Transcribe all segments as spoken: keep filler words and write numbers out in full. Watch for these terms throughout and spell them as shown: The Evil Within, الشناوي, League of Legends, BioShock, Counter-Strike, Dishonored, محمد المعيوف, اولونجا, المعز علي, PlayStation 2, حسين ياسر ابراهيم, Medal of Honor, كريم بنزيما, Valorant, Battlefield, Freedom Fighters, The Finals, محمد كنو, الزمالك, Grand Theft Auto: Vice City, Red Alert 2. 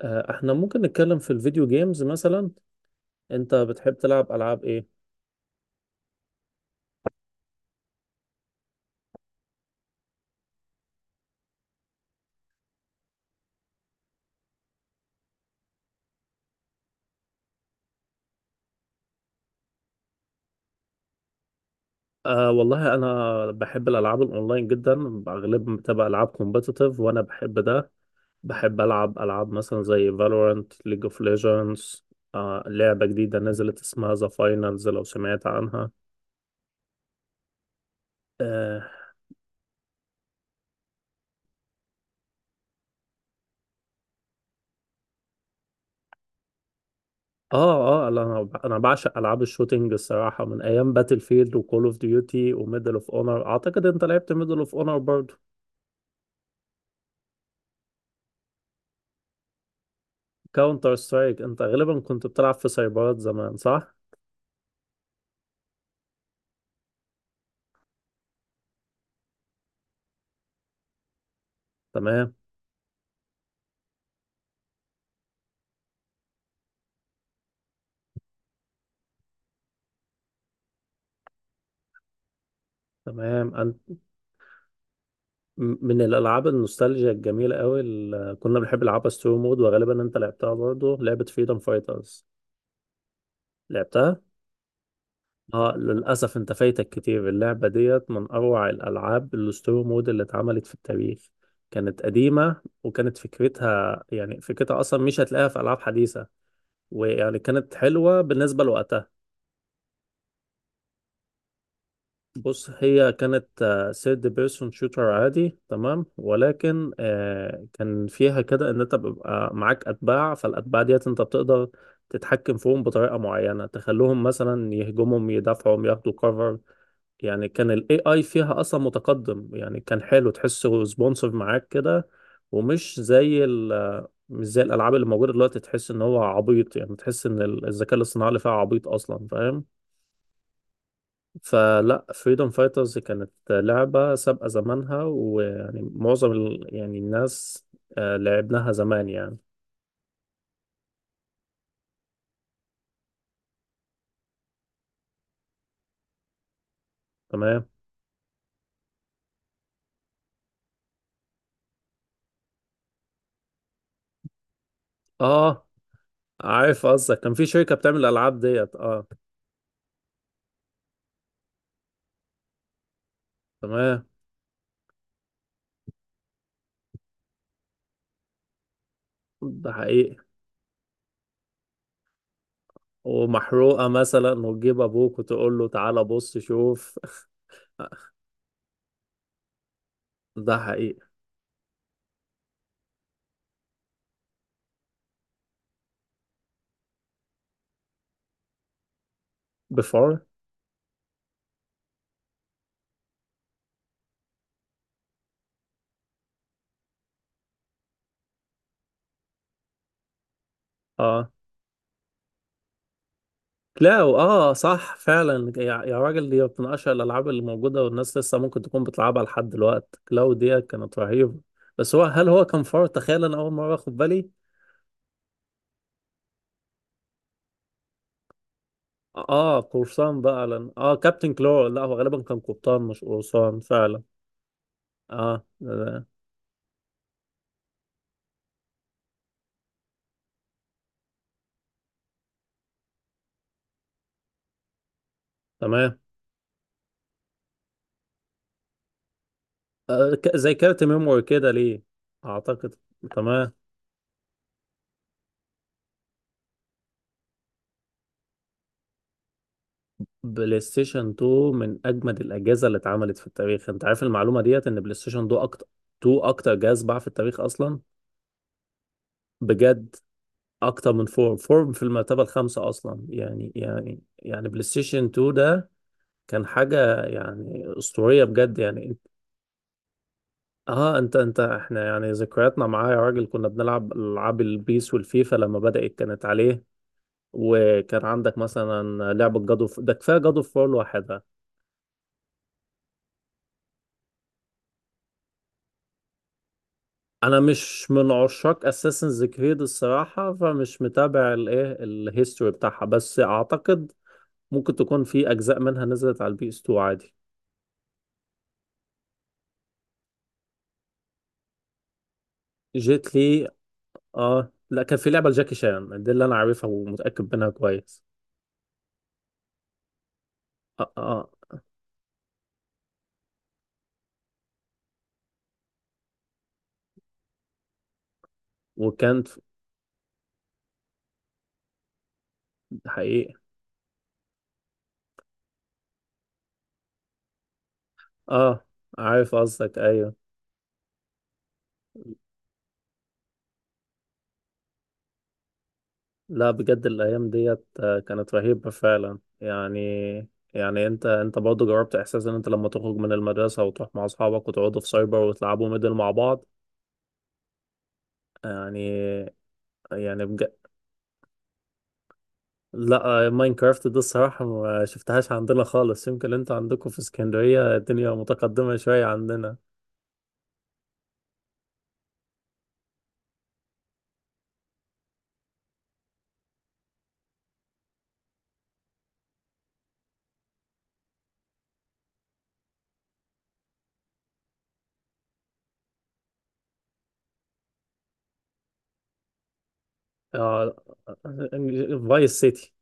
آه، احنا ممكن نتكلم في الفيديو جيمز مثلا. انت بتحب تلعب العاب ايه؟ آه والله انا بحب الالعاب الاونلاين جدا. اغلبها بتبقى العاب كومبتيتيف وانا بحب ده. بحب العب العاب مثلا زي فالورانت، ليج اوف ليجندز. آه لعبة جديدة نزلت اسمها ذا فاينلز، لو سمعت عنها. اه، اه, آه انا انا بعشق العاب الشوتينج الصراحة، من ايام باتل فيلد وكول اوف ديوتي وميدل اوف اونر. اعتقد انت لعبت ميدل اوف اونر. كاونتر سترايك انت غالبا كنت بتلعب في سايبرات زمان، صح؟ تمام. تمام. انت م- من الالعاب النوستالجيا الجميله قوي اللي كنا بنحب نلعبها ستوري مود، وغالبا انت لعبتها برضه لعبه فريدم فايترز. لعبتها؟ اه، للاسف انت فايتك كتير. اللعبه ديت من اروع الالعاب الستوري مود اللي اتعملت في التاريخ. كانت قديمه، وكانت فكرتها يعني فكرتها اصلا مش هتلاقيها في العاب حديثه. ويعني كانت حلوه بالنسبه لوقتها. بص، هي كانت سيرد بيرسون شوتر عادي تمام، ولكن آه، كان فيها كده ان انت بيبقى معاك اتباع، فالاتباع ديت انت بتقدر تتحكم فيهم بطريقه معينه، تخلوهم مثلا يهجمهم، يدافعوا، ياخدوا كفر. يعني كان الاي اي فيها اصلا متقدم، يعني كان حلو، تحسه سبونسر معاك كده. ومش زي ال آه، مش زي الالعاب اللي موجوده دلوقتي، تحس ان هو عبيط. يعني تحس ان الذكاء الاصطناعي اللي فيها عبيط اصلا، فاهم. فلا فريدom فايترز كانت لعبة سابقة زمانها. ويعني معظم ال... يعني الناس آه، لعبناها زمان يعني. تمام. اه، عارف قصدك. كان في شركة بتعمل الألعاب ديت. اه. تمام. ده حقيقي. ومحروقة مثلا، وتجيب أبوك وتقول له تعالى بص شوف. ده حقيقي. بفار. لا، اه صح فعلا، يا يا راجل، دي من اشهر الالعاب اللي موجوده والناس لسه ممكن تكون بتلعبها لحد دلوقتي. كلاو دي كانت رهيبه. بس هو هل هو كان فار؟ تخيل انا اول مره اخد بالي. اه، قرصان بقى لن. اه كابتن كلو. لا، هو غالبا كان قبطان مش قرصان فعلا. اه. آه، تمام. آه ك- زي كارت ميموري كده، ليه. اعتقد. تمام. بلاي ستيشن تو من اجمد الاجهزه اللي اتعملت في التاريخ. انت عارف المعلومه ديت، ان بلاي ستيشن اتنين اكتر، اتنين اكتر جهاز باع في التاريخ اصلا. بجد. اكتر من فور. فور في المرتبه الخامسه اصلا. يعني يعني يعني بلاي ستيشن تو ده كان حاجه يعني اسطوريه بجد. يعني انت- اه، انت انت احنا يعني ذكرياتنا معاه يا راجل، كنا بنلعب العاب البيس والفيفا لما بدات كانت عليه. وكان عندك مثلا لعبه جادو ف... ده كفايه جادو فور لوحدها. انا مش من عشاق اساسنز كريد الصراحه، فمش متابع الايه الهيستوري بتاعها، بس اعتقد ممكن تكون في اجزاء منها نزلت على البي اس تو عادي. جيت لي. اه، لا، كان في لعبة لجاكي شان دي اللي انا عارفها ومتأكد منها كويس. اه اه. وكان ف- حقيقي. اه، عارف قصدك. ايوه. لا بجد الايام ديت آه، كانت رهيبة فعلا يعني. يعني انت انت برضه جربت احساس ان انت لما تخرج من المدرسة وتروح مع اصحابك وتقعدوا في سايبر وتلعبوا ميدل مع بعض. يعني. يعني بجد. لا آه، ماينكرافت دي الصراحة ما شفتهاش عندنا خالص، يمكن انت عندكم في اسكندرية الدنيا متقدمة شوية عندنا. اه، فايس سيتي.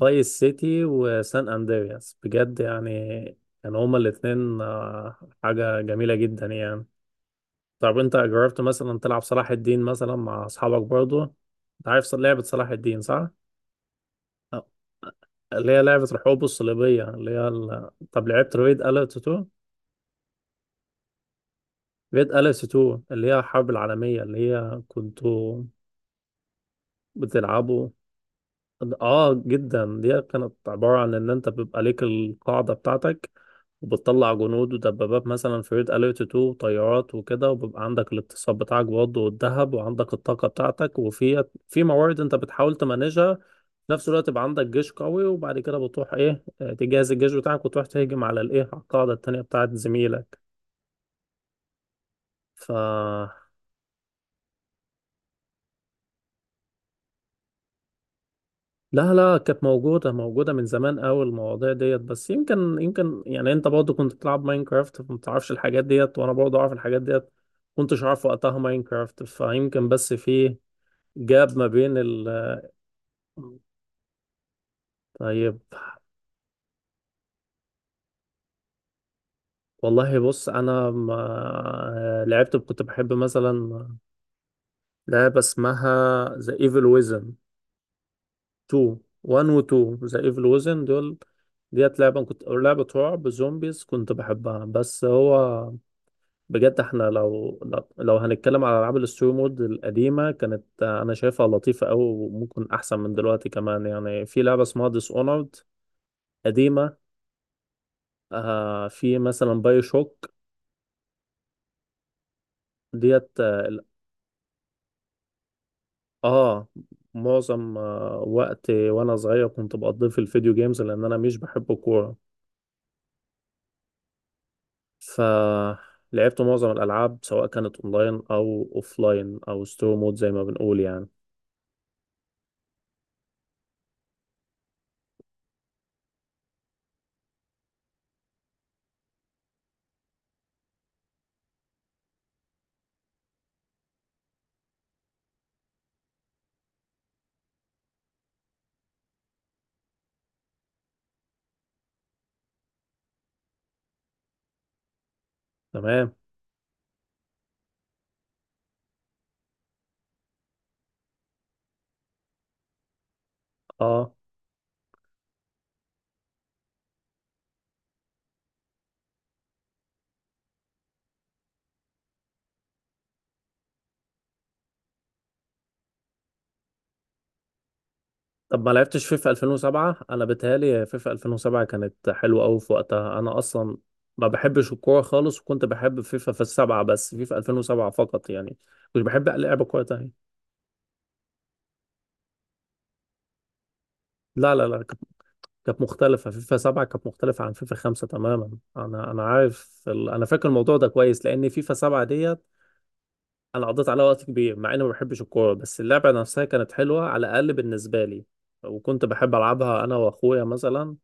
فايس سيتي وسان اندرياس بجد يعني. كانوا هما الاتنين آه، حاجة جميلة جدا يعني. طب انت جربت مثلا تلعب صلاح الدين مثلا مع اصحابك برضو انت؟ عارف لعبة صلاح الدين صح؟ آه، اللي هي لعبة الحروب الصليبية، اللي هي ال... طب لعبت ريد أليرت تو؟ ريد أليرت تو اللي هي الحرب العالمية اللي هي كنتوا بتلعبوا. اه جدا، دي كانت عبارة عن ان انت بيبقى ليك القاعدة بتاعتك، وبتطلع جنود ودبابات مثلا في ريد اليرت تو وطيارات وكده، وبيبقى عندك الاقتصاد بتاعك برضه والذهب، وعندك الطاقة بتاعتك، وفي في موارد انت بتحاول تمانجها في نفس الوقت يبقى عندك جيش قوي، وبعد كده بتروح ايه آه، تجهز الجيش بتاعك، وتروح تهجم على الايه، على القاعدة التانية بتاعت زميلك. ف لا لا، كانت موجودة موجودة من زمان أوي المواضيع ديت، بس يمكن يمكن يعني أنت برضه كنت بتلعب ماينكرافت فما تعرفش الحاجات ديت، وأنا برضه أعرف الحاجات ديت. كنتش أعرف وقتها ماينكرافت، فيمكن بس في جاب ما بين ال. طيب، والله بص، أنا ما لعبت كنت بحب مثلا لعبة اسمها ذا ايفل ويزن تو. ون و تو ذا ايفل ويزن دول ديت لعبة كنت، أو لعبة رعب زومبيز كنت بحبها. بس هو بجد، احنا لو لو لو هنتكلم على العاب الستوري مود القديمه، كانت آه، انا شايفها لطيفه قوي وممكن احسن من دلوقتي كمان. يعني في لعبه اسمها ديس اونرد، قديمه. آه في مثلا باي شوك ديت. اه ال- آه، معظم آه وقت وانا صغير كنت بقضيه في الفيديو جيمز، لان انا مش بحب الكوره، فلعبت معظم الالعاب سواء كانت اونلاين او اوفلاين او ستوري مود زي ما بنقول يعني. تمام. اه. طب ما لعبتش فيفا الفين وسبعة؟ انا بتهيالي فيفا الفين وسبعة كانت حلوه قوي في وقتها. انا اصلا ما بحبش الكوره خالص، وكنت بحب فيفا في السبعه، بس فيفا الفين وسبعة فقط يعني. مش بحب لعب كوره تاني. لا لا لا، كانت كانت مختلفه. فيفا سبعة كانت مختلفه عن فيفا خمسة تماما. انا انا عارف ال- انا فاكر الموضوع ده كويس، لان فيفا سبعة ديت انا قضيت عليها وقت كبير، مع اني ما بحبش الكوره، بس اللعبه نفسها كانت حلوه، على الاقل بالنسبه لي. وكنت بحب العبها انا واخويا مثلا.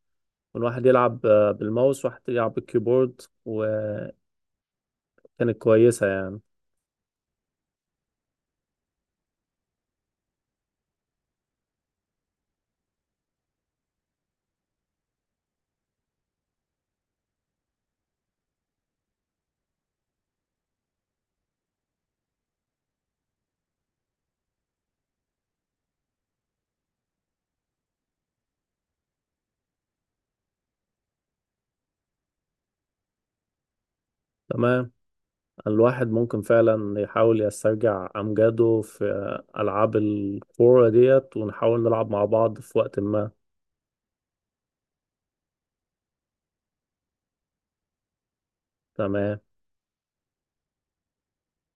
كان واحد يلعب آه، بالماوس، واحد يلعب بالكيبورد، وكانت كويسة يعني. تمام. الواحد ممكن فعلا يحاول يسترجع أمجاده في ألعاب الكورة ديت، ونحاول نلعب مع بعض في وقت ما. تمام